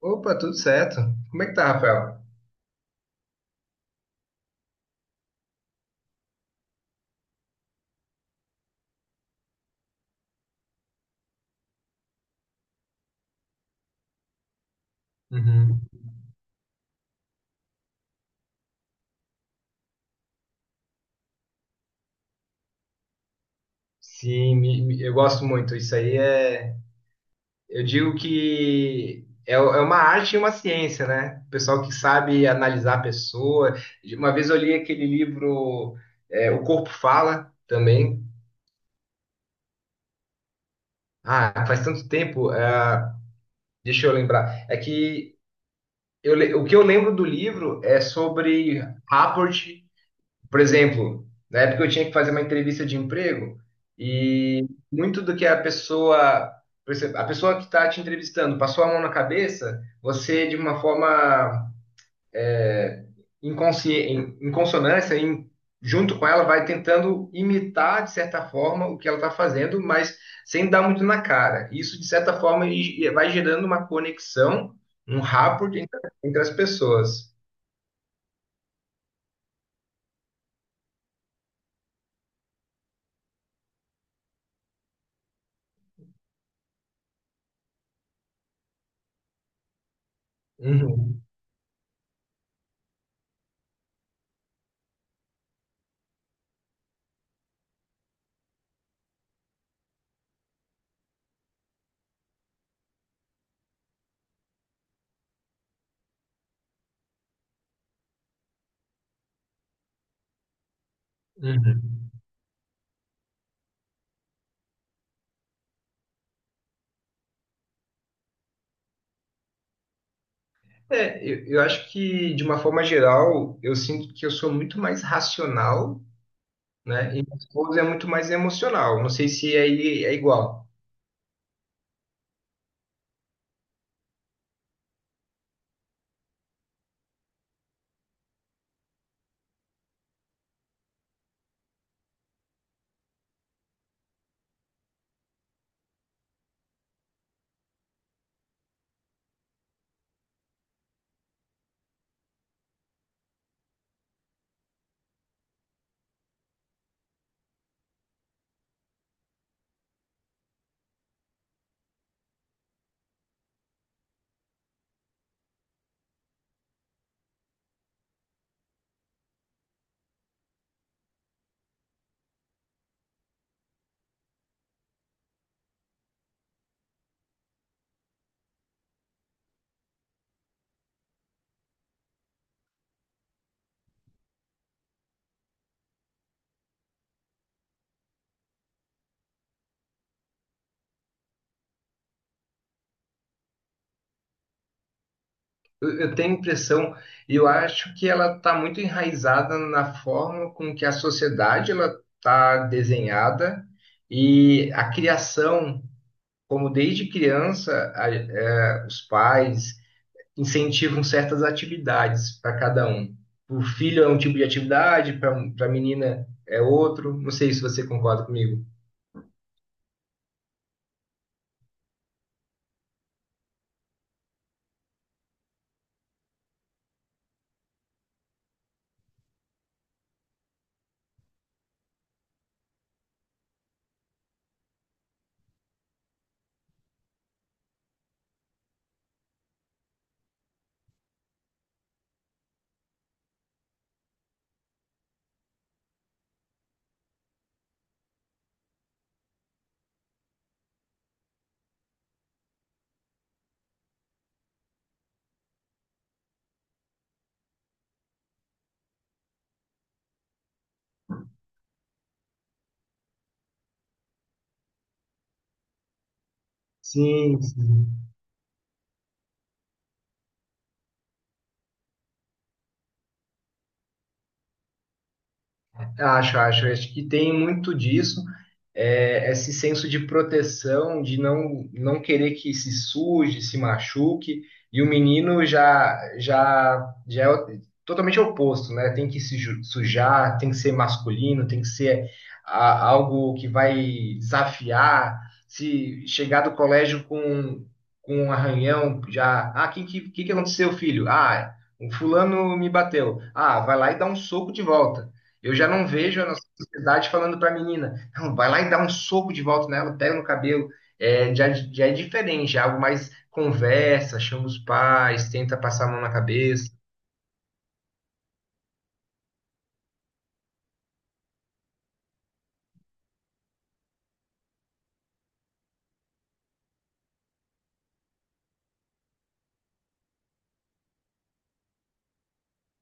Opa, tudo certo. Como é que tá, Rafael? Uhum. Sim, eu gosto muito. Isso aí é. Eu digo que é uma arte e uma ciência, né? O pessoal que sabe analisar a pessoa. Uma vez eu li aquele livro, O Corpo Fala, também. Ah, faz tanto tempo. Deixa eu lembrar. É que o que eu lembro do livro é sobre rapport. Por exemplo, na época eu tinha que fazer uma entrevista de emprego e muito do que a pessoa, por exemplo, a pessoa que está te entrevistando passou a mão na cabeça, você de uma forma inconsciente, em consonância, junto com ela, vai tentando imitar de certa forma o que ela está fazendo, mas sem dar muito na cara. Isso de certa forma e vai gerando uma conexão, um rapport entre as pessoas. Uhum, uhum. Eu acho que, de uma forma geral, eu sinto que eu sou muito mais racional, né? E minha esposa é muito mais emocional. Não sei se aí é igual. Eu tenho a impressão, eu acho que ela está muito enraizada na forma com que a sociedade ela está desenhada e a criação, como desde criança, os pais incentivam certas atividades para cada um. Para o filho é um tipo de atividade, para a menina é outro. Não sei se você concorda comigo. Sim, sim. Acho, acho. Acho que tem muito disso, é, esse senso de proteção, de não querer que se suje, se machuque. E o menino já é totalmente oposto, né? Tem que se ju- sujar, tem que ser masculino, tem que ser algo que vai desafiar. Se chegar do colégio com um arranhão, já. Ah, o que aconteceu, filho? Ah, o fulano me bateu. Ah, vai lá e dá um soco de volta. Eu já não vejo a nossa sociedade falando para a menina, não, vai lá e dá um soco de volta nela, pega no cabelo. É, já é diferente, é algo mais conversa, chama os pais, tenta passar a mão na cabeça.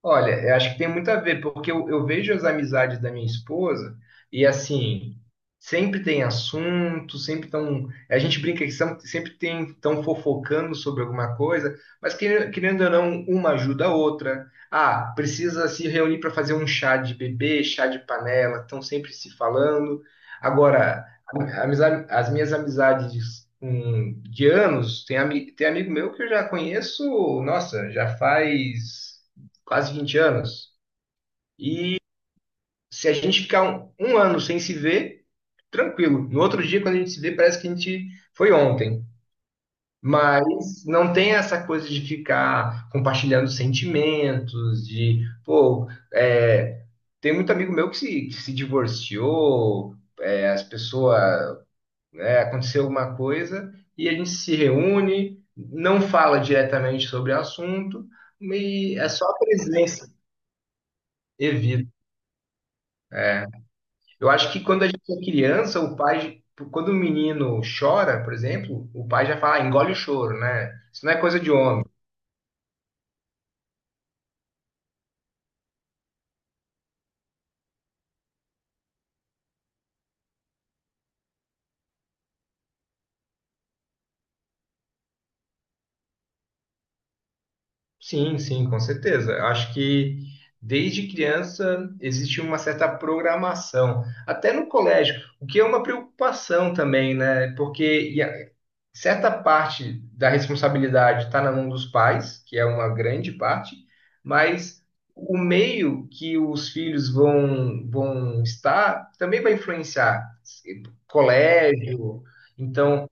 Olha, eu acho que tem muito a ver, porque eu vejo as amizades da minha esposa e assim, sempre tem assunto, sempre estão. A gente brinca que são- sempre tem estão fofocando sobre alguma coisa, mas querendo ou não, uma ajuda a outra. Ah, precisa se reunir para fazer um chá de bebê, chá de panela, estão sempre se falando. Agora, as minhas amizades. De anos, tem amigo meu que eu já conheço, nossa, já faz quase 20 anos. E se a gente ficar um ano sem se ver, tranquilo. No outro dia, quando a gente se vê, parece que a gente foi ontem. Mas não tem essa coisa de ficar compartilhando sentimentos, de, pô, é, tem muito amigo meu que se divorciou, é, as pessoas, né, aconteceu alguma coisa e a gente se reúne, não fala diretamente sobre o assunto, e é só a presença. Evita. Eu acho que quando a gente é criança, o pai, quando o menino chora, por exemplo, o pai já fala, "Ah, engole o choro, né? Isso não é coisa de homem." Sim, sim, com certeza. Eu acho que desde criança existe uma certa programação, até no colégio, o que é uma preocupação também, né? Porque e a- certa parte da responsabilidade está na mão dos pais, que é uma grande parte, mas o meio que os filhos vão estar também vai influenciar. Colégio, então,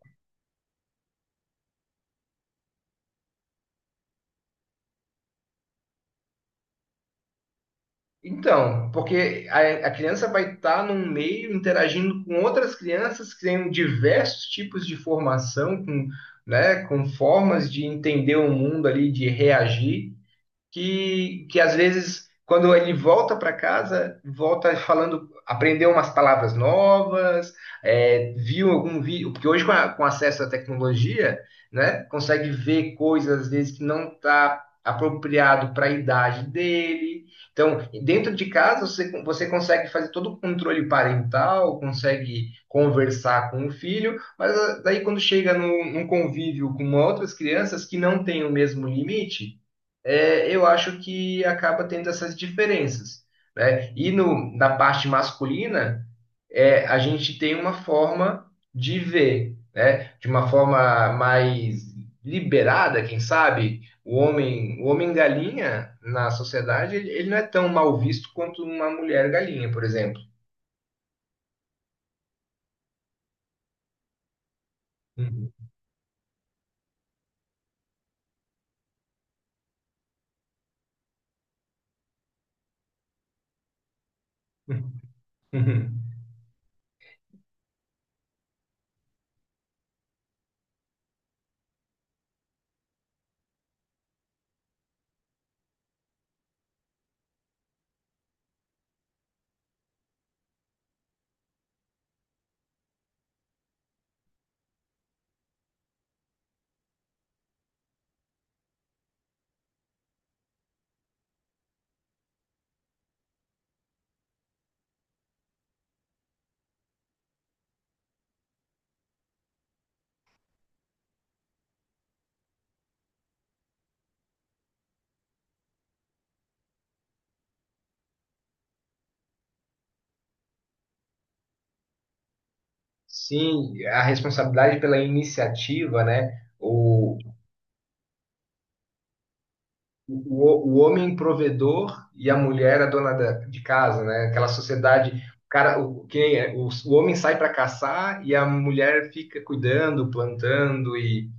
então, porque a criança vai estar num meio interagindo com outras crianças que têm diversos tipos de formação, com, né, com formas de entender o mundo ali, de reagir. Que às vezes, quando ele volta para casa, volta falando, aprendeu umas palavras novas, é, viu algum vídeo, porque hoje com acesso à tecnologia, né, consegue ver coisas, às vezes, que não está apropriado para a idade dele. Então, dentro de casa, você consegue fazer todo o controle parental, consegue conversar com o filho, mas ah, daí quando chega no, num convívio com outras crianças que não têm o mesmo limite, é, eu acho que acaba tendo essas diferenças, né? E no, na parte masculina, é, a gente tem uma forma de ver, né? De uma forma mais liberada, quem sabe? O homem galinha na sociedade, ele não é tão mal visto quanto uma mulher galinha, por exemplo. Uhum. Sim, a responsabilidade pela iniciativa, né? o, o homem provedor e a mulher a de casa, né? Aquela sociedade, o cara, o, que nem é, o homem sai para caçar e a mulher fica cuidando, plantando e,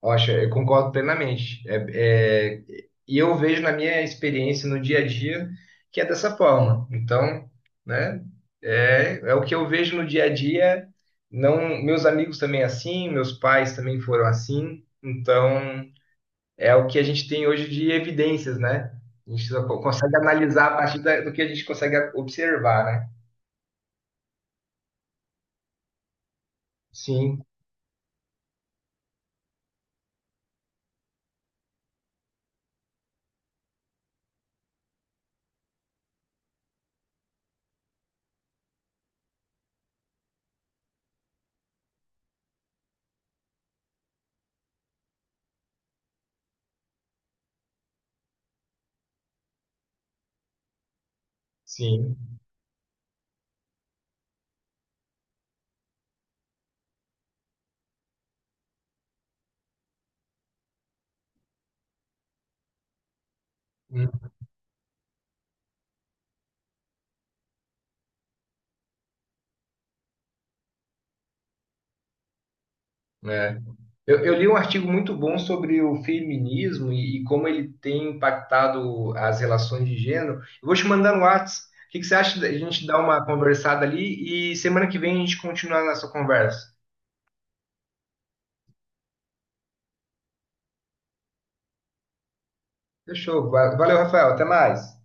poxa, eu concordo plenamente. E eu vejo na minha experiência no dia a dia que é dessa forma. Então, né? É, é o que eu vejo no dia a dia. Não, meus amigos também é assim, meus pais também foram assim. Então é o que a gente tem hoje de evidências, né? A gente só consegue analisar a partir do que a gente consegue observar, né? Sim, sim. Hum, é. Eu li um artigo muito bom sobre o feminismo e como ele tem impactado as relações de gênero. Eu vou te mandar no Whats. O que você acha da gente dar uma conversada ali e semana que vem a gente continua a nossa conversa? Fechou. Valeu, Rafael. Até mais.